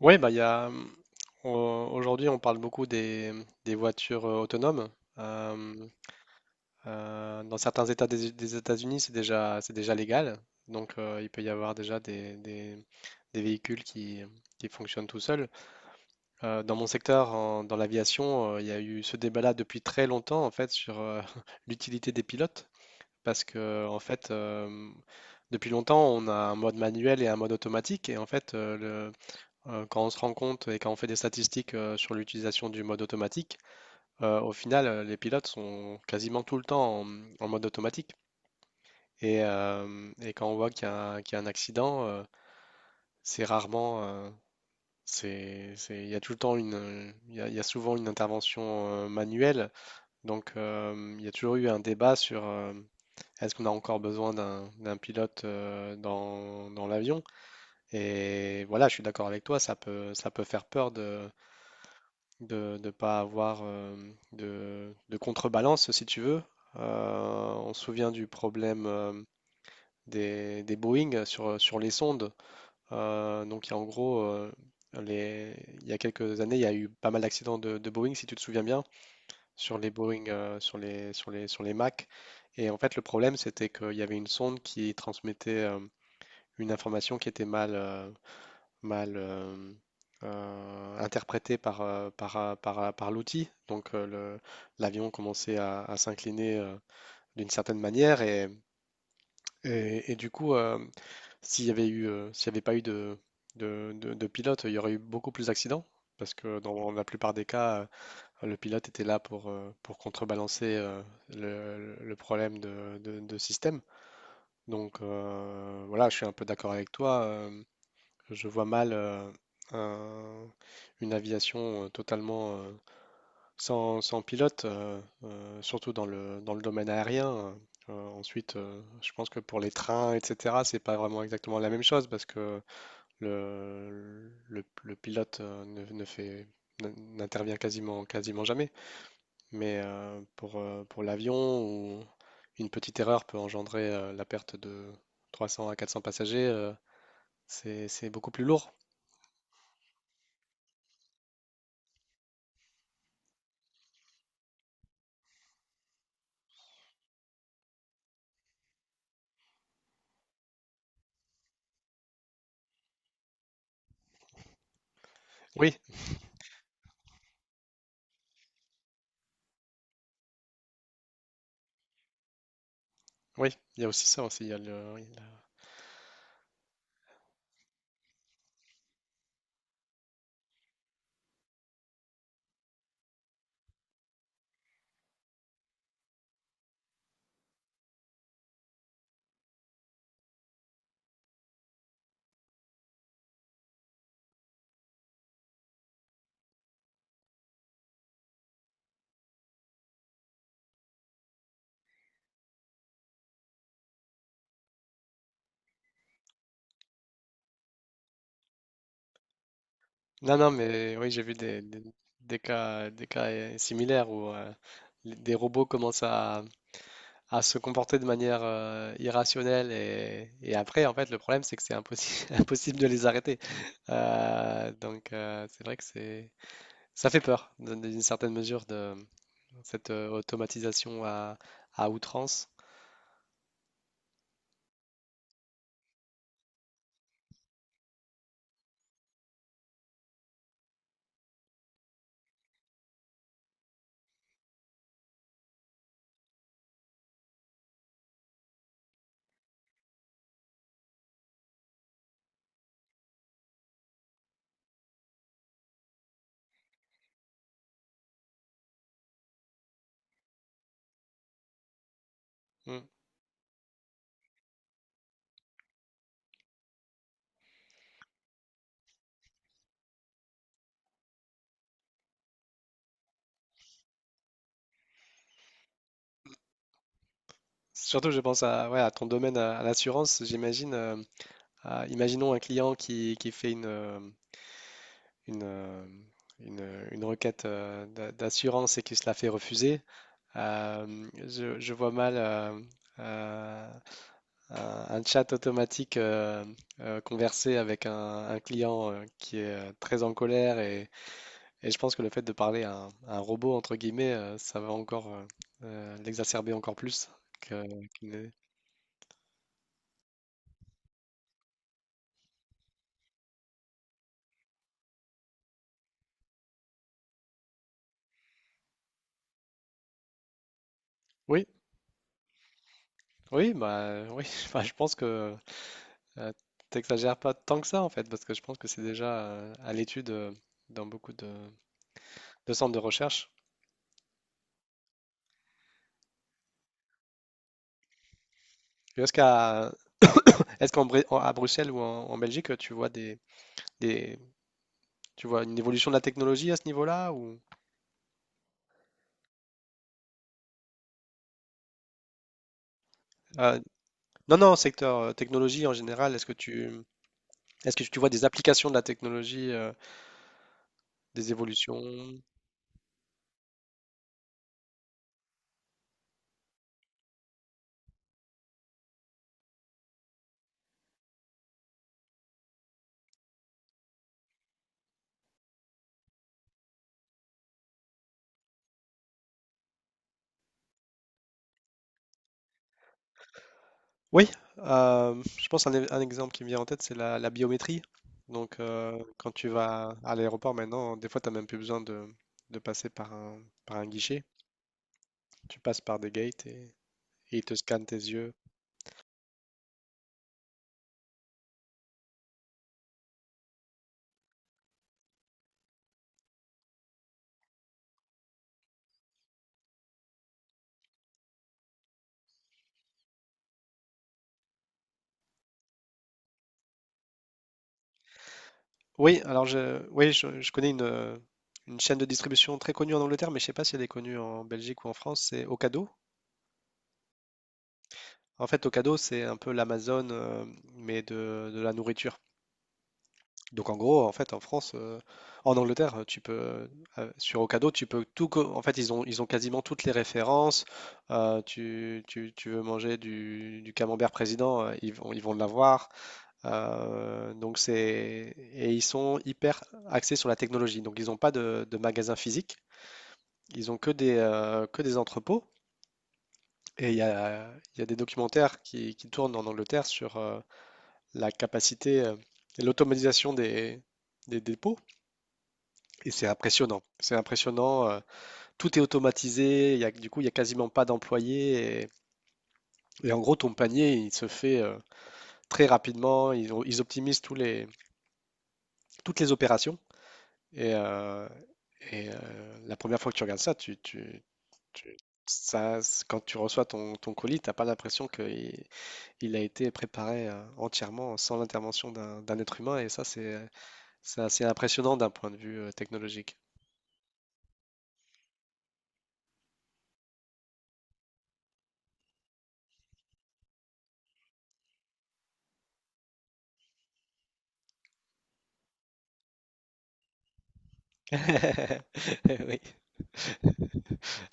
Oui, bah, il y a, au- aujourd'hui, on parle beaucoup des voitures autonomes. Euh, Dans certains États des États-Unis, c'est déjà légal. Donc, il peut y avoir déjà des véhicules qui fonctionnent tout seuls. Dans mon secteur, dans l'aviation, il y a eu ce débat-là depuis très longtemps, en fait, sur l'utilité des pilotes. Parce que, en fait, depuis longtemps, on a un mode manuel et un mode automatique. Et en fait, quand on se rend compte et quand on fait des statistiques sur l'utilisation du mode automatique, au final, les pilotes sont quasiment tout le temps en mode automatique. Et quand on voit qu'il y a un accident, c'est rarement, il y a tout le temps une, il y a souvent une intervention manuelle. Donc, il y a toujours eu un débat sur est-ce qu'on a encore besoin d'un pilote dans l'avion? Et voilà, je suis d'accord avec toi, ça peut faire peur de ne pas avoir de contrebalance, si tu veux. On se souvient du problème des Boeing sur les sondes. Donc, les, il y a quelques années, il y a eu pas mal d'accidents de Boeing, si tu te souviens bien, sur les Boeing, sur les Mac. Et en fait, le problème, c'était qu'il y avait une sonde qui transmettait une information qui était mal, mal interprété par l'outil. Donc l'avion commençait à s'incliner d'une certaine manière et du coup, s'il y avait pas eu de pilote, il y aurait eu beaucoup plus d'accidents parce que dans la plupart des cas, le pilote était là pour contrebalancer le problème de système. Donc voilà, je suis un peu d'accord avec toi. Je vois mal un- une aviation totalement sans pilote, surtout dans le domaine aérien, hein. Ensuite, je pense que pour les trains, etc., c'est pas vraiment exactement la même chose parce que le pilote ne, ne fait, n- n'intervient quasiment jamais. Mais pour l'avion, où une petite erreur peut engendrer la perte de 300 à 400 passagers, c'est beaucoup plus lourd. Oui, oui, il y a aussi ça aussi. Il y a oui, non, non, mais oui, j'ai vu des cas similaires où des robots commencent à se comporter de manière irrationnelle et après, en fait, le problème, c'est que c'est impossible, impossible de les arrêter. Donc, c'est vrai que c'est, ça fait peur, dans une certaine mesure, de cette automatisation à outrance. Mm. Surtout, je pense ouais, à ton domaine, à l'assurance, j'imagine. Ah, imaginons un client qui fait une, euh, une requête d'assurance et qui se la fait refuser. Je vois mal euh, un chat automatique converser avec un client qui est très en colère et je pense que le fait de parler à un robot, entre guillemets, ça va encore l'exacerber encore plus que- qu'il n'est- Oui, oui, bah, oui, enfin, je pense que Euh, t'exagères pas tant que ça en fait, parce que je pense que c'est déjà à l'étude dans beaucoup de centres de recherche. Et est-ce qu'en à Bruxelles ou en Belgique, tu vois des tu vois une évolution de la technologie à ce niveau-là ou euh, non, non, secteur technologie en général, est-ce que tu vois des applications de la technologie, des évolutions? Oui, je pense un exemple qui me vient en tête, c'est la biométrie. Donc, quand tu vas à l'aéroport maintenant, des fois, tu n'as même plus besoin de passer par un guichet. Tu passes par des gates et ils te scannent tes yeux. Oui, alors oui, je connais une chaîne de distribution très connue en Angleterre, mais je ne sais pas si elle est connue en Belgique ou en France, c'est Ocado. En fait, Ocado, c'est un peu l'Amazon, mais de la nourriture. Donc en gros, en fait, en Angleterre, tu peux sur Ocado, tu peux tout. Co- En fait, ils ont quasiment toutes les références. Tu veux manger du camembert président, ils vont l'avoir. Donc c'est Et ils sont hyper axés sur la technologie. Donc ils n'ont pas de magasin physique. Ils ont que des entrepôts. Et il y a des documentaires qui tournent en Angleterre sur la capacité, et l'automatisation des dépôts. Et c'est impressionnant. C'est impressionnant. Tout est automatisé. Du coup, il n'y a quasiment pas d'employés. Et en gros, ton panier, il se fait très rapidement. Ils optimisent toutes les opérations. Et, euh, la première fois que tu regardes ça, tu- quand tu reçois ton colis, t'as pas l'impression qu'il il a été préparé entièrement sans l'intervention d'un être humain. Et ça, c'est assez impressionnant d'un point de vue technologique. Oui.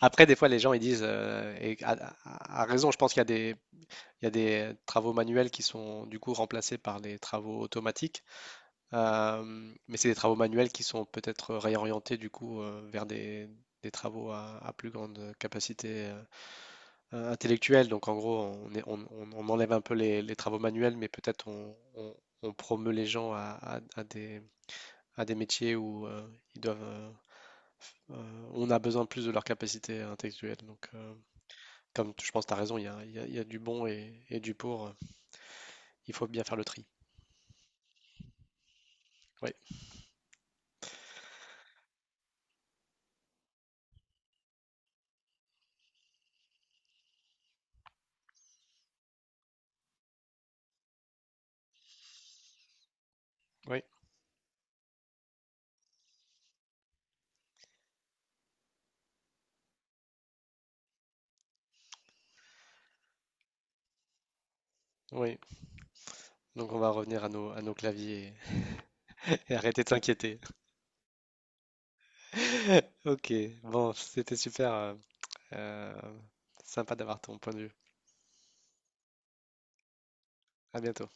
Après, des fois, les gens ils disent, et à raison, je pense qu'il y a il y a des travaux manuels qui sont du coup remplacés par des travaux automatiques. Euh, mais c'est des travaux manuels qui sont peut-être réorientés du coup vers des travaux à plus grande capacité intellectuelle. Donc en gros, on, est- on enlève un peu les travaux manuels, mais peut-être on promeut les gens à des métiers où ils doivent, euh, on a besoin plus de leur capacité intellectuelle. Donc, je pense que tu as raison. Il y a du bon et du pour. Il faut bien faire le tri. Oui, oui, oui. Donc on va revenir à nos claviers, et arrêter de s'inquiéter. Ok, bon, c'était super. Euh, Sympa d'avoir ton point de vue. À bientôt.